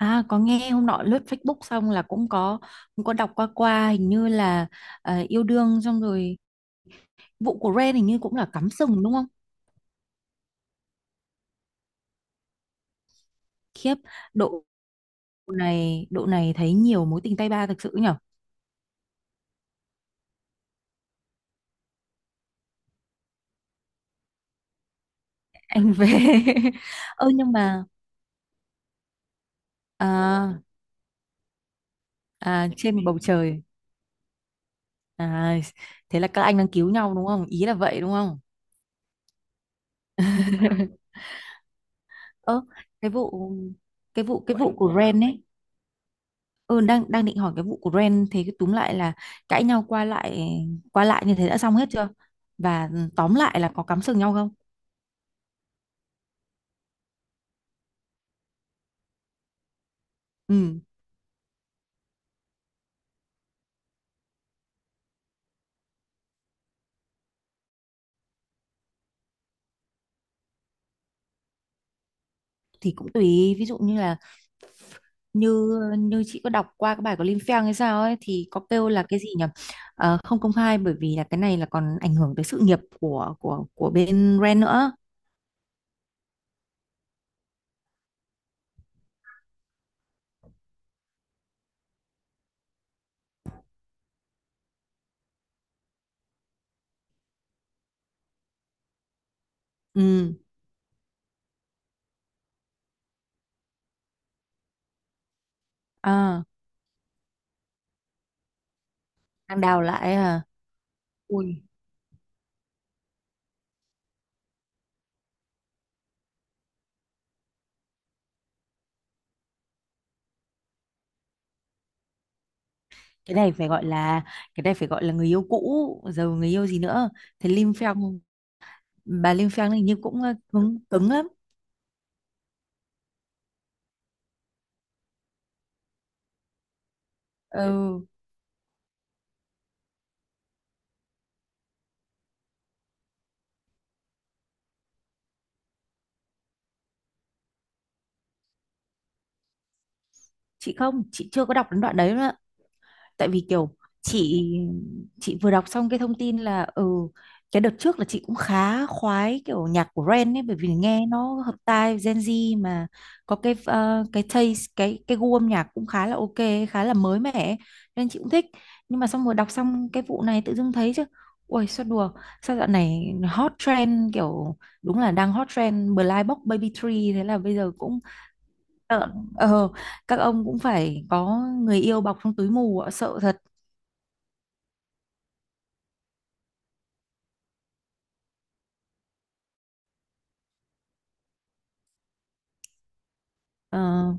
À, có nghe hôm nọ lướt Facebook xong là cũng có đọc qua qua hình như là yêu đương xong rồi, vụ của Ren hình như cũng là cắm sừng đúng không? Khiếp, độ độ này thấy nhiều mối tình tay ba thực sự nhở. Anh về ơ nhưng mà à, trên bầu trời à, thế là các anh đang cứu nhau đúng không, ý là vậy đúng không? Ơ cái vụ cái vụ của Ren ấy, ừ, đang đang định hỏi cái vụ của Ren, thế cái túm lại là cãi nhau qua lại như thế đã xong hết chưa, và tóm lại là có cắm sừng nhau không? Ừ thì cũng tùy, ví dụ như là như như chị có đọc qua cái bài của Lim Feng hay sao ấy thì có kêu là cái gì nhỉ. Ờ, không công khai bởi vì là cái này là còn ảnh hưởng tới sự nghiệp của bên Ren nữa. Ừ, à, đang đào lại à. Ui, cái này phải gọi là, cái này phải gọi là người yêu cũ, giờ người yêu gì nữa. Thế Lim Feng, bà Linh Phan hình như cũng cứng, cứng lắm. Ừ, chị không, chị chưa có đọc đến đoạn đấy, tại vì kiểu chị chị vừa đọc xong cái thông tin là ừ, cái đợt trước là chị cũng khá khoái kiểu nhạc của Ren ấy bởi vì nghe nó hợp tai Gen Z mà, có cái cái taste, cái gu âm nhạc cũng khá là ok, khá là mới mẻ ấy, nên chị cũng thích. Nhưng mà xong rồi đọc xong cái vụ này tự dưng thấy chứ, ôi sao đùa, sao dạo này hot trend kiểu đúng là đang hot trend Blind Box Baby Tree, thế là bây giờ cũng sợ. Ờ, các ông cũng phải có người yêu bọc trong túi mù ạ, sợ thật. Ờ,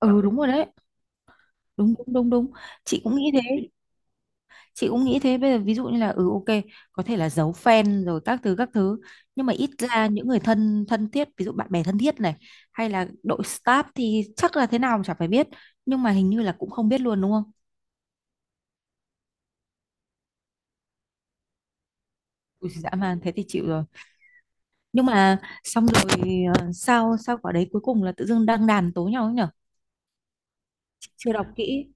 ừ đúng rồi đấy, đúng đúng đúng đúng, chị cũng nghĩ thế, chị cũng nghĩ thế. Bây giờ ví dụ như là ừ ok, có thể là giấu fan rồi các thứ các thứ, nhưng mà ít ra những người thân thân thiết ví dụ bạn bè thân thiết này, hay là đội staff thì chắc là thế nào mà chả phải biết, nhưng mà hình như là cũng không biết luôn đúng không? Ui, dã man, thế thì chịu rồi. Nhưng mà xong rồi sao sao quả đấy cuối cùng là tự dưng đăng đàn tố nhau ấy nhở, chưa đọc kỹ.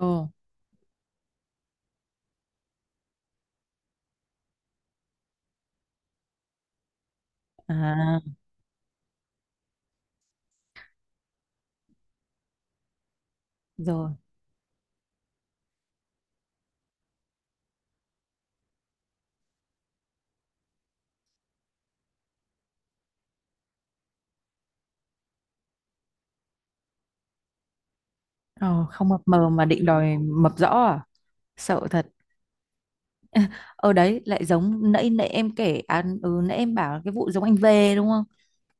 Ồ, à, rồi. Ờ, không mập mờ mà định đòi mập rõ à? Sợ thật. Ở đấy lại giống nãy nãy em kể à, nãy em bảo cái vụ giống anh về đúng không,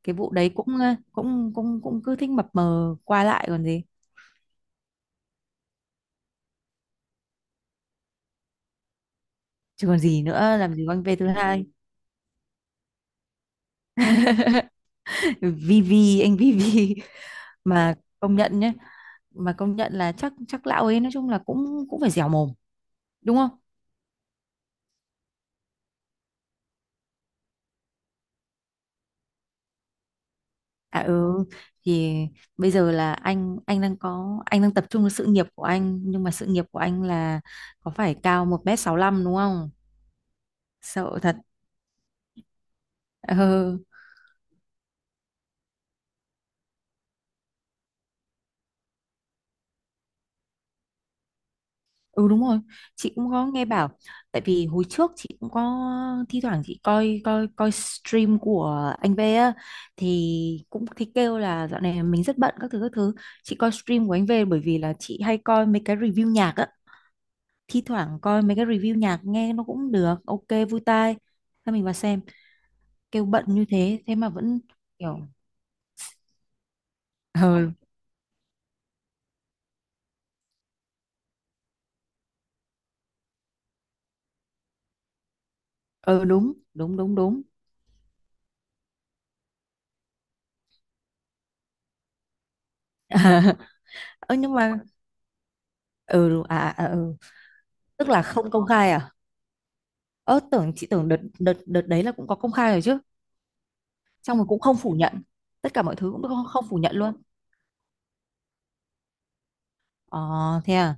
cái vụ đấy cũng cũng cứ thích mập mờ qua lại còn gì, chứ còn gì nữa, làm gì có anh về thứ hai. Vivi, anh Vivi, mà công nhận nhé, mà công nhận là chắc chắc lão ấy nói chung là cũng cũng phải dẻo mồm đúng không? À ừ, thì bây giờ là anh đang tập trung vào sự nghiệp của anh, nhưng mà sự nghiệp của anh là có phải cao 1m65 đúng không? Sợ thật. Ờ, ừ đúng rồi, chị cũng có nghe bảo, tại vì hồi trước chị cũng có thi thoảng chị coi coi coi stream của anh V á, thì cũng thì kêu là dạo này mình rất bận các thứ các thứ, chị coi stream của anh V bởi vì là chị hay coi mấy cái review nhạc á, thi thoảng coi mấy cái review nhạc nghe nó cũng được ok, vui tai, thế mình vào xem, kêu bận như thế thế mà vẫn kiểu ờ ờ đúng đúng đúng đúng. Ờ nhưng mà ừ ừ. Tức là không công khai à? Ơ tưởng, chị tưởng đợt đợt đợt đấy là cũng có công khai rồi chứ. Xong rồi cũng không phủ nhận. Tất cả mọi thứ cũng không, không phủ nhận luôn. Ờ, thế à?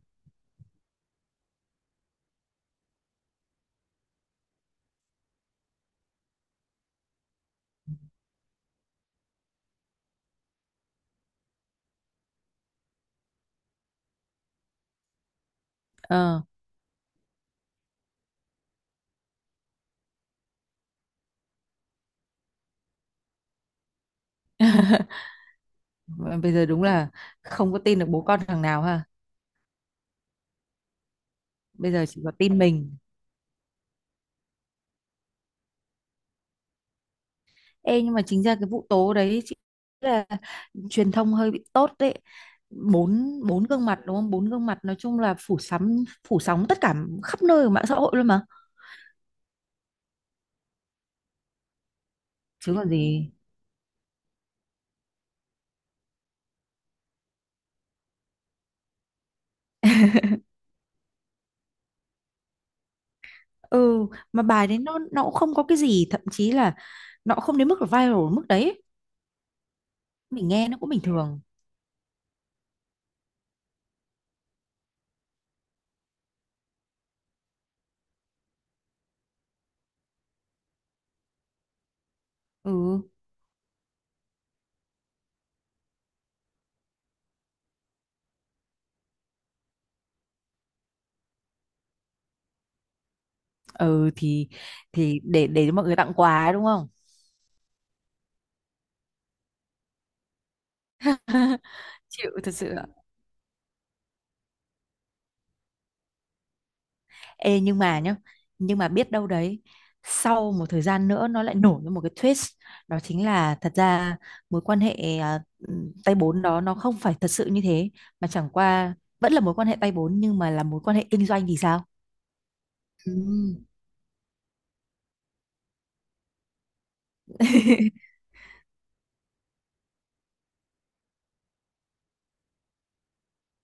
Ờ, bây giờ đúng là không có tin được bố con thằng nào ha. Bây giờ chỉ có tin mình. Ê nhưng mà chính ra cái vụ tố đấy chị nghĩ là truyền thông hơi bị tốt đấy. Bốn bốn gương mặt đúng không? Bốn gương mặt nói chung là phủ sóng, phủ sóng tất cả khắp nơi ở mạng xã hội luôn mà. Chứ còn gì. Ừ, mà bài đấy nó cũng không có cái gì, thậm chí là nó cũng không đến mức là viral ở mức đấy, mình nghe nó cũng bình thường. Ừ ừ thì để cho mọi người tặng quà ấy, đúng không? Chịu thật sự ạ. Ê nhưng mà biết đâu đấy sau một thời gian nữa nó lại nổi ra một cái twist, đó chính là thật ra mối quan hệ tay bốn đó nó không phải thật sự như thế, mà chẳng qua vẫn là mối quan hệ tay bốn nhưng mà là mối quan hệ kinh doanh thì sao. Ừm.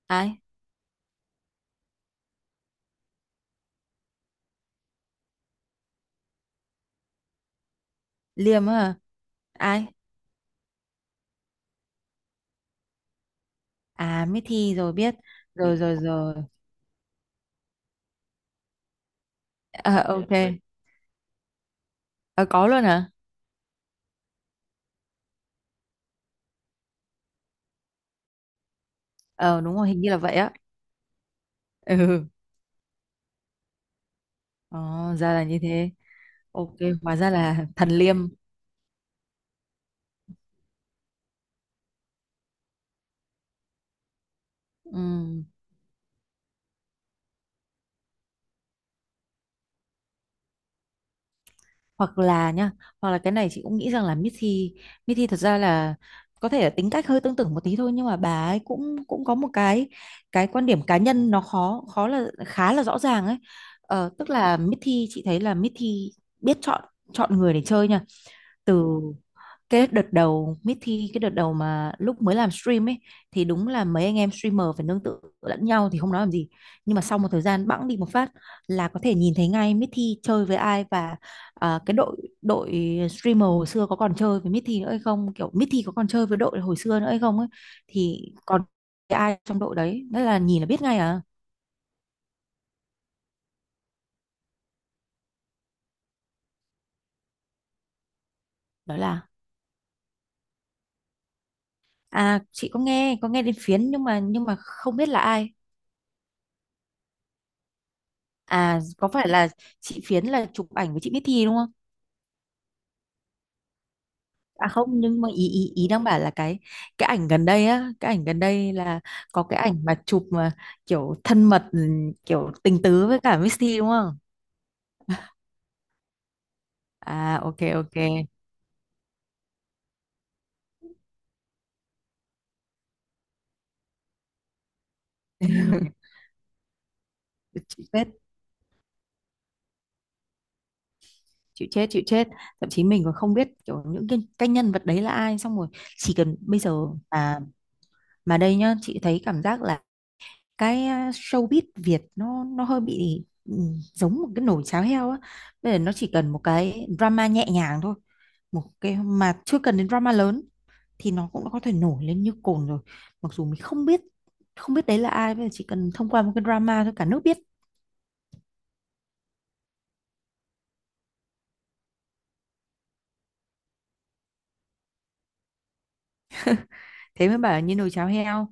Ai, liêm á hả? Ai, à mới thi rồi biết, rồi rồi rồi. Ờ, ok. Ờ, có luôn hả? Ờ, đúng rồi, hình như là vậy á. Ừ. Ờ, ra là như thế. Ok, hóa ra là thần liêm. Ừm, Hoặc là nhá, hoặc là cái này chị cũng nghĩ rằng là Missy thật ra là có thể là tính cách hơi tương tự một tí thôi, nhưng mà bà ấy cũng cũng có một cái quan điểm cá nhân nó khó khó là khá là rõ ràng ấy. Ờ, tức là Missy, chị thấy là Missy biết chọn chọn người để chơi nha, từ cái đợt đầu mới thi, cái đợt đầu mà lúc mới làm stream ấy, thì đúng là mấy anh em streamer phải nương tựa lẫn nhau thì không nói làm gì, nhưng mà sau một thời gian bẵng đi một phát là có thể nhìn thấy ngay Mithi chơi với ai, và cái đội đội streamer hồi xưa có còn chơi với Mithi nữa hay không, kiểu Mithi có còn chơi với đội hồi xưa nữa hay không ấy, thì còn cái ai trong đội đấy đó là nhìn là biết ngay à. Đó là, à chị có nghe đến Phiến nhưng mà không biết là ai. À có phải là chị Phiến là chụp ảnh với chị Bích Thi đúng không? À không, nhưng mà ý ý ý đang bảo là cái ảnh gần đây á, cái ảnh gần đây là có cái ảnh mà chụp mà kiểu thân mật, kiểu tình tứ với cả Miss Thi đúng không? À ok ok. Chịu chết, chịu chết, chịu chết. Thậm chí mình còn không biết kiểu những cái nhân vật đấy là ai, xong rồi chỉ cần bây giờ mà mà đây nhá, chị thấy cảm giác là cái showbiz Việt nó hơi bị giống một cái nồi cháo heo á, bây giờ nó chỉ cần một cái drama nhẹ nhàng thôi, một cái mà chưa cần đến drama lớn thì nó cũng đã có thể nổi lên như cồn rồi, mặc dù mình không biết không biết đấy là ai, bây giờ chỉ cần thông qua một cái drama thôi cả nước biết. Thế mới bảo là như nồi cháo heo,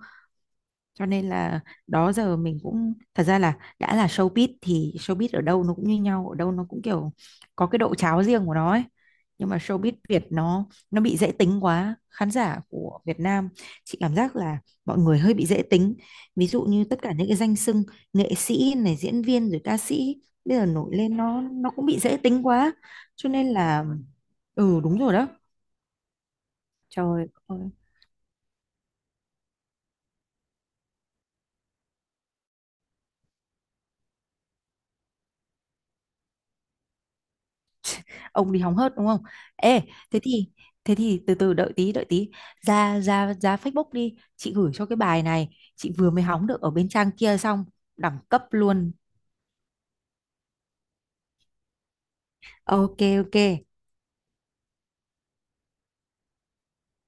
cho nên là đó giờ mình cũng thật ra là đã là showbiz thì showbiz ở đâu nó cũng như nhau, ở đâu nó cũng kiểu có cái độ cháo riêng của nó ấy, nhưng mà showbiz Việt nó bị dễ tính quá, khán giả của Việt Nam, chị cảm giác là mọi người hơi bị dễ tính, ví dụ như tất cả những cái danh xưng nghệ sĩ này diễn viên rồi ca sĩ bây giờ nổi lên nó cũng bị dễ tính quá, cho nên là ừ đúng rồi đó. Trời ơi, ông đi hóng hớt đúng không. Ê, thế thì thế thì từ từ đợi tí đợi tí, ra ra ra Facebook đi, chị gửi cho cái bài này, chị vừa mới hóng được ở bên trang kia xong, đẳng cấp luôn. Ok, ok.